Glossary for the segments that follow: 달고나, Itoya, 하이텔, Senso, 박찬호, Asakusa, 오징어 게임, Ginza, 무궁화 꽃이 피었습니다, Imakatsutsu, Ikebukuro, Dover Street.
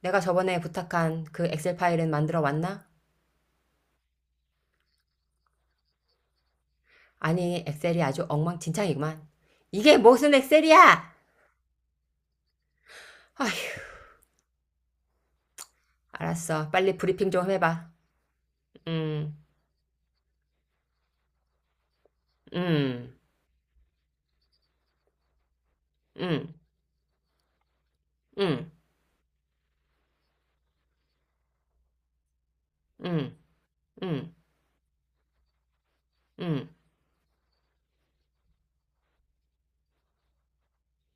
내가 저번에 부탁한 그 엑셀 파일은 만들어 왔나? 아니, 엑셀이 아주 엉망진창이구만. 이게 무슨 엑셀이야! 아휴, 알았어. 빨리 브리핑 좀 해봐. 음, 음, 음, 음, 음, 음, 음,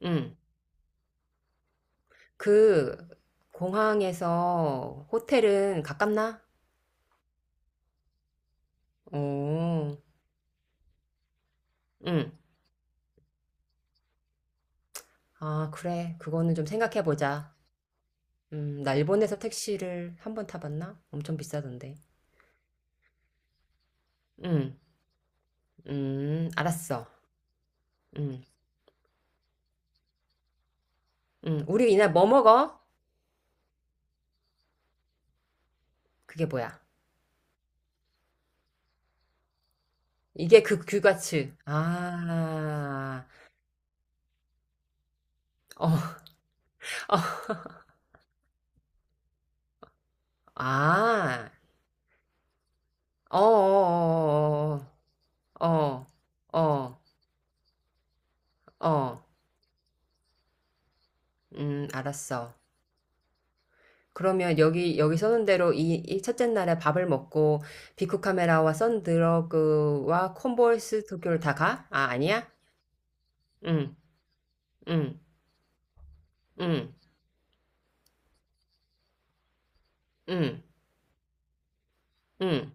음. 그, 공항에서 호텔은 가깝나? 오, 음. 아, 그래. 그거는 좀 생각해보자. 나 일본에서 택시를 한번 타봤나? 엄청 비싸던데. 음. 알았어. 음, 우리 이날 뭐 먹어? 그게 뭐야? 이게 그 규가츠. 아, 어, 어, 아, 어, 어, 어, 어, 어, 어, 어. 알았어. 그러면 여기, 여기 써놓은 대로 이, 이 첫째 날에 밥을 먹고, 비쿠 카메라와 선드러그와 콤보이스 도쿄를 다 가? 아, 아니야? 응, 응, 응, 응, 응,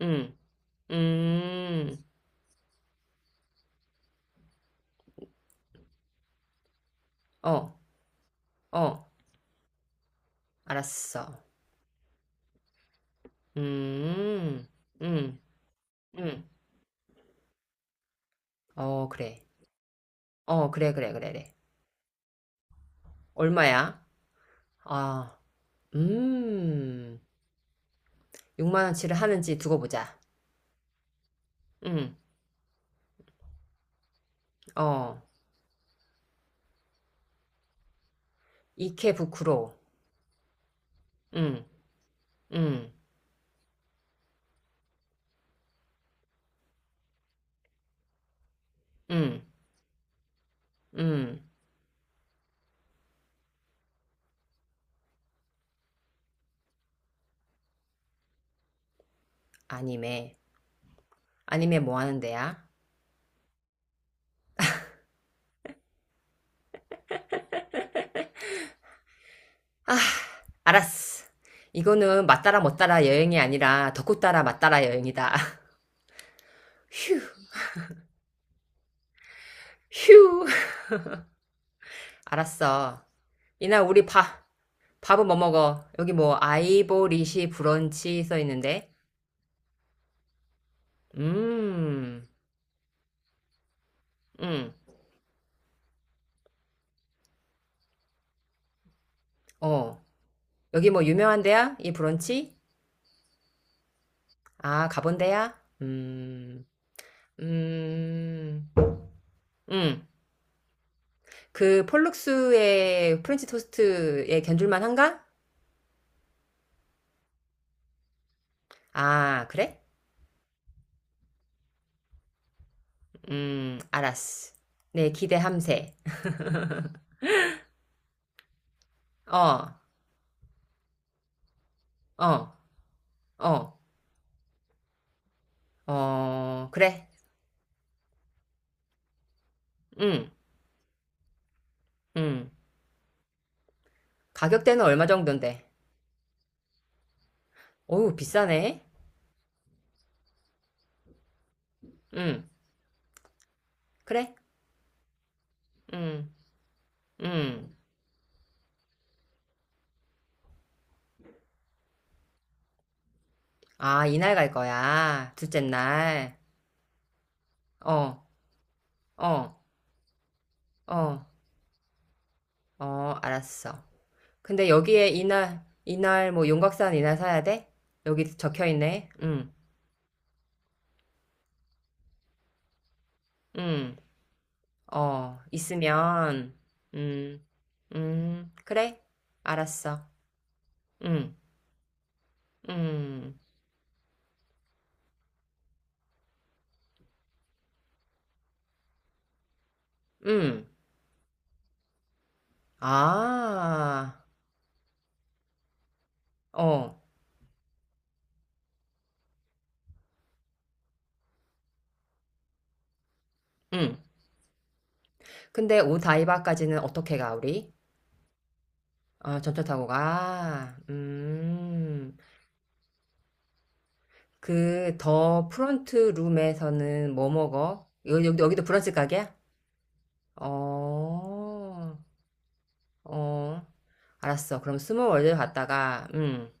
응, 응, 어, 어, 알았어. 음, 음, 음. 어, 그래. 어, 그래, 그래, 그래, 그래. 얼마야? 아, 음. 6만 원치를 하는지 두고 보자. 음, 어. 이케부쿠로. 음, 음, 음, 음. 아니메. 아니메 뭐 하는 데야? 알았어. 이거는 맞따라 못따라 여행이 아니라 덕후 따라 맞따라 여행이다. 휴, 휴. 알았어. 이날 우리 밥, 밥은 뭐 먹어? 여기 뭐 아이보리시 브런치 써 있는데. 음, 음, 어. 여기 뭐 유명한 데야? 이 브런치? 아, 가본 데야? 음, 음. 그 폴룩스의 프렌치 토스트에 견줄만 한가? 아, 그래? 알았어. 네, 기대함세. 어, 어, 어, 어, 그래. 응, 응. 가격대는 얼마 정도인데? 어우, 비싸네. 응, 그래. 응, 응. 아, 이날 갈 거야. 둘째 날. 어, 어, 어, 어, 알았어. 근데 여기에 이날, 이날, 뭐, 용각산 이날 사야 돼? 여기 적혀 있네. 응, 응, 어, 있으면, 음, 그래. 알았어. 응, 응, 응. 아, 어, 응. 근데 오다이바까지는 어떻게 가, 우리? 아, 전철 타고 가. 음. 그 더 프론트 룸에서는 뭐 먹어? 여기, 여기- 여기도 브런치 가게야? 어. 어. 알았어. 그럼 스몰 월드 갔다가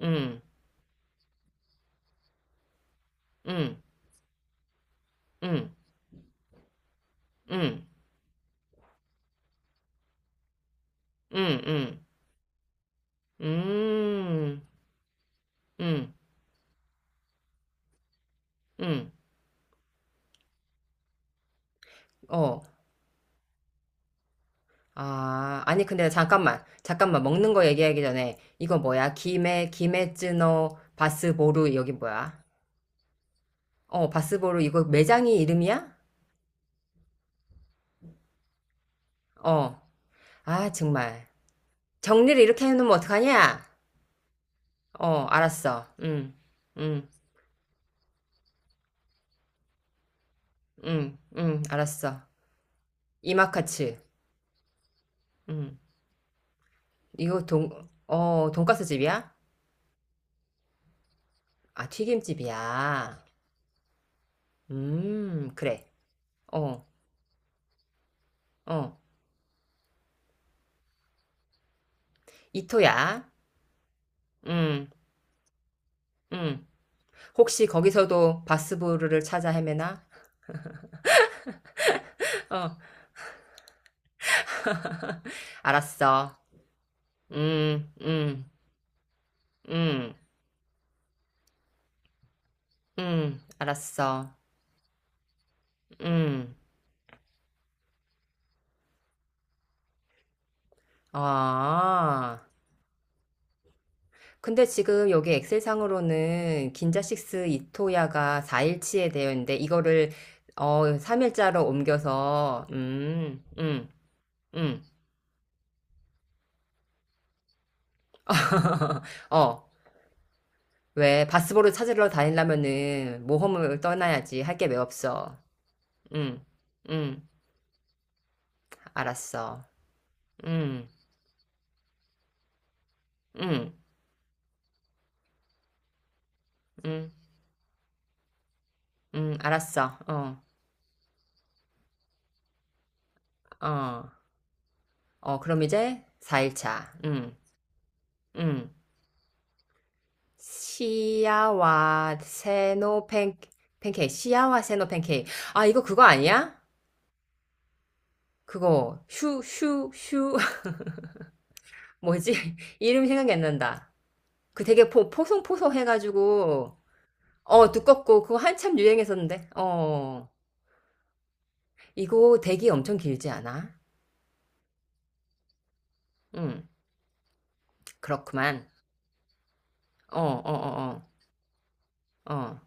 음. 음. 음. 음. 음. 음. 음. 음. 음. 어. 아, 아니, 근데 잠깐만. 잠깐만. 먹는 거 얘기하기 전에, 이거 뭐야? 김에, 김에쯔노 바스보루, 여기 뭐야? 어, 바스보루, 이거 매장이 이름이야? 어. 아, 정말. 정리를 이렇게 해놓으면 어떡하냐? 어, 알았어. 응, 응, 응, 응, 알았어. 이마카츠. 응. 이거 동, 어, 돈가스 집이야? 아, 튀김집이야. 그래. 어, 어. 이토야. 응, 응. 혹시 거기서도 바스부르를 찾아 헤매나? 어, 알았어. 음, 음, 음, 알았어. 음, 아. 근데 지금 여기 엑셀상으로는 긴자식스 이토야가 4일치에 되어 있는데, 이거를, 어, 3일자로 옮겨서, 음. 어, 왜, 바스보를 찾으러 다니려면은 모험을 떠나야지. 할게 왜 없어. 음, 음, 알았어. 음. 응, 응, 응, 알았어. 어, 어, 어, 그럼 이제 4일차. 응, 응. 시야와 세노 팬, 팬케이크. 시야와 세노 팬케이크. 아, 이거 그거 아니야? 그거, 슈, 슈, 슈. 뭐지? 이름 생각이 안 난다. 그 되게 포, 포송포송 해가지고, 어, 두껍고, 그거 한참 유행했었는데. 어, 이거 대기 엄청 길지 않아? 응, 그렇구만. 어, 어, 어, 어, 어,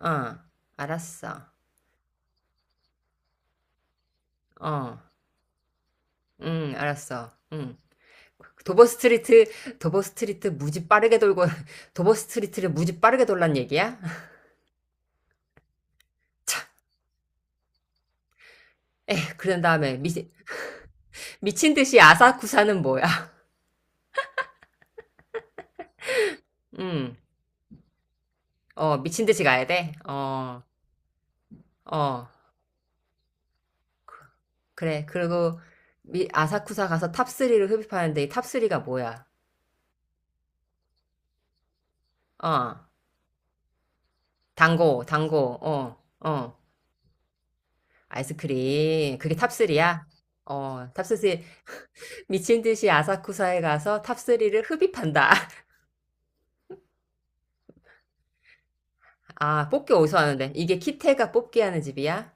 어, 알았어. 어, 응, 알았어. 응. 도버 스트리트, 도버 스트리트 무지 빠르게 돌고, 도버 스트리트를 무지 빠르게 돌란 얘기야? 참, 그런 다음에 미, 미친 듯이 아사쿠사는 뭐야? 응, 어, 미친 듯이 가야 돼? 어, 어, 그래. 그리고 미, 아사쿠사 가서 탑리를 흡입하는데 이탑리가 뭐야? 어, 당고, 당고, 어, 어, 아이스크림. 그게 탑리야. 어, 탑리. 미친 듯이 아사쿠사에 가서 탑리를 흡입한다. 아, 뽑기 어디서 하는데? 이게 키테가 뽑기 하는 집이야?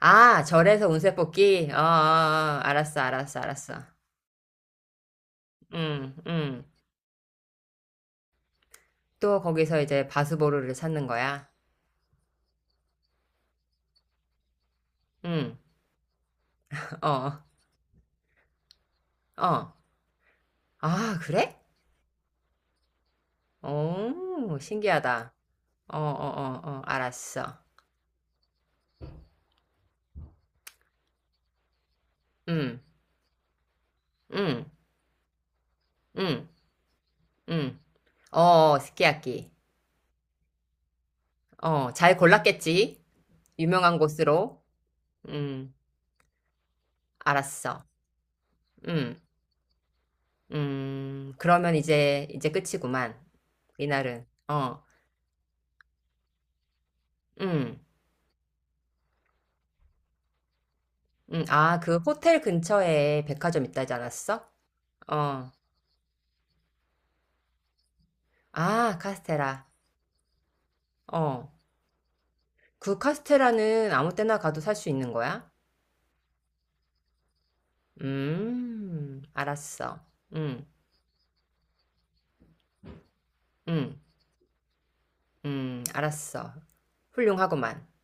아, 절에서 운세 뽑기? 어, 어, 어, 알았어, 알았어, 알았어. 응, 응. 또 거기서 이제 바수보루를 찾는 거야? 응, 어, 어. 아, 그래? 오, 신기하다. 어, 어, 어, 어, 알았어. 응, 응, 응, 응. 어, 어, 스키야키. 어, 잘 골랐겠지? 유명한 곳으로. 응, 알았어. 응, 그러면 이제, 이제 끝이구만. 이날은. 어. 음. 음. 아, 그 호텔 근처에 백화점 있다지 않았어? 어. 아, 카스테라. 어. 그 카스테라는 아무 때나 가도 살 수 있는 거야? 음. 알았어. 음. 음. 음. 알았어. 훌륭하구만.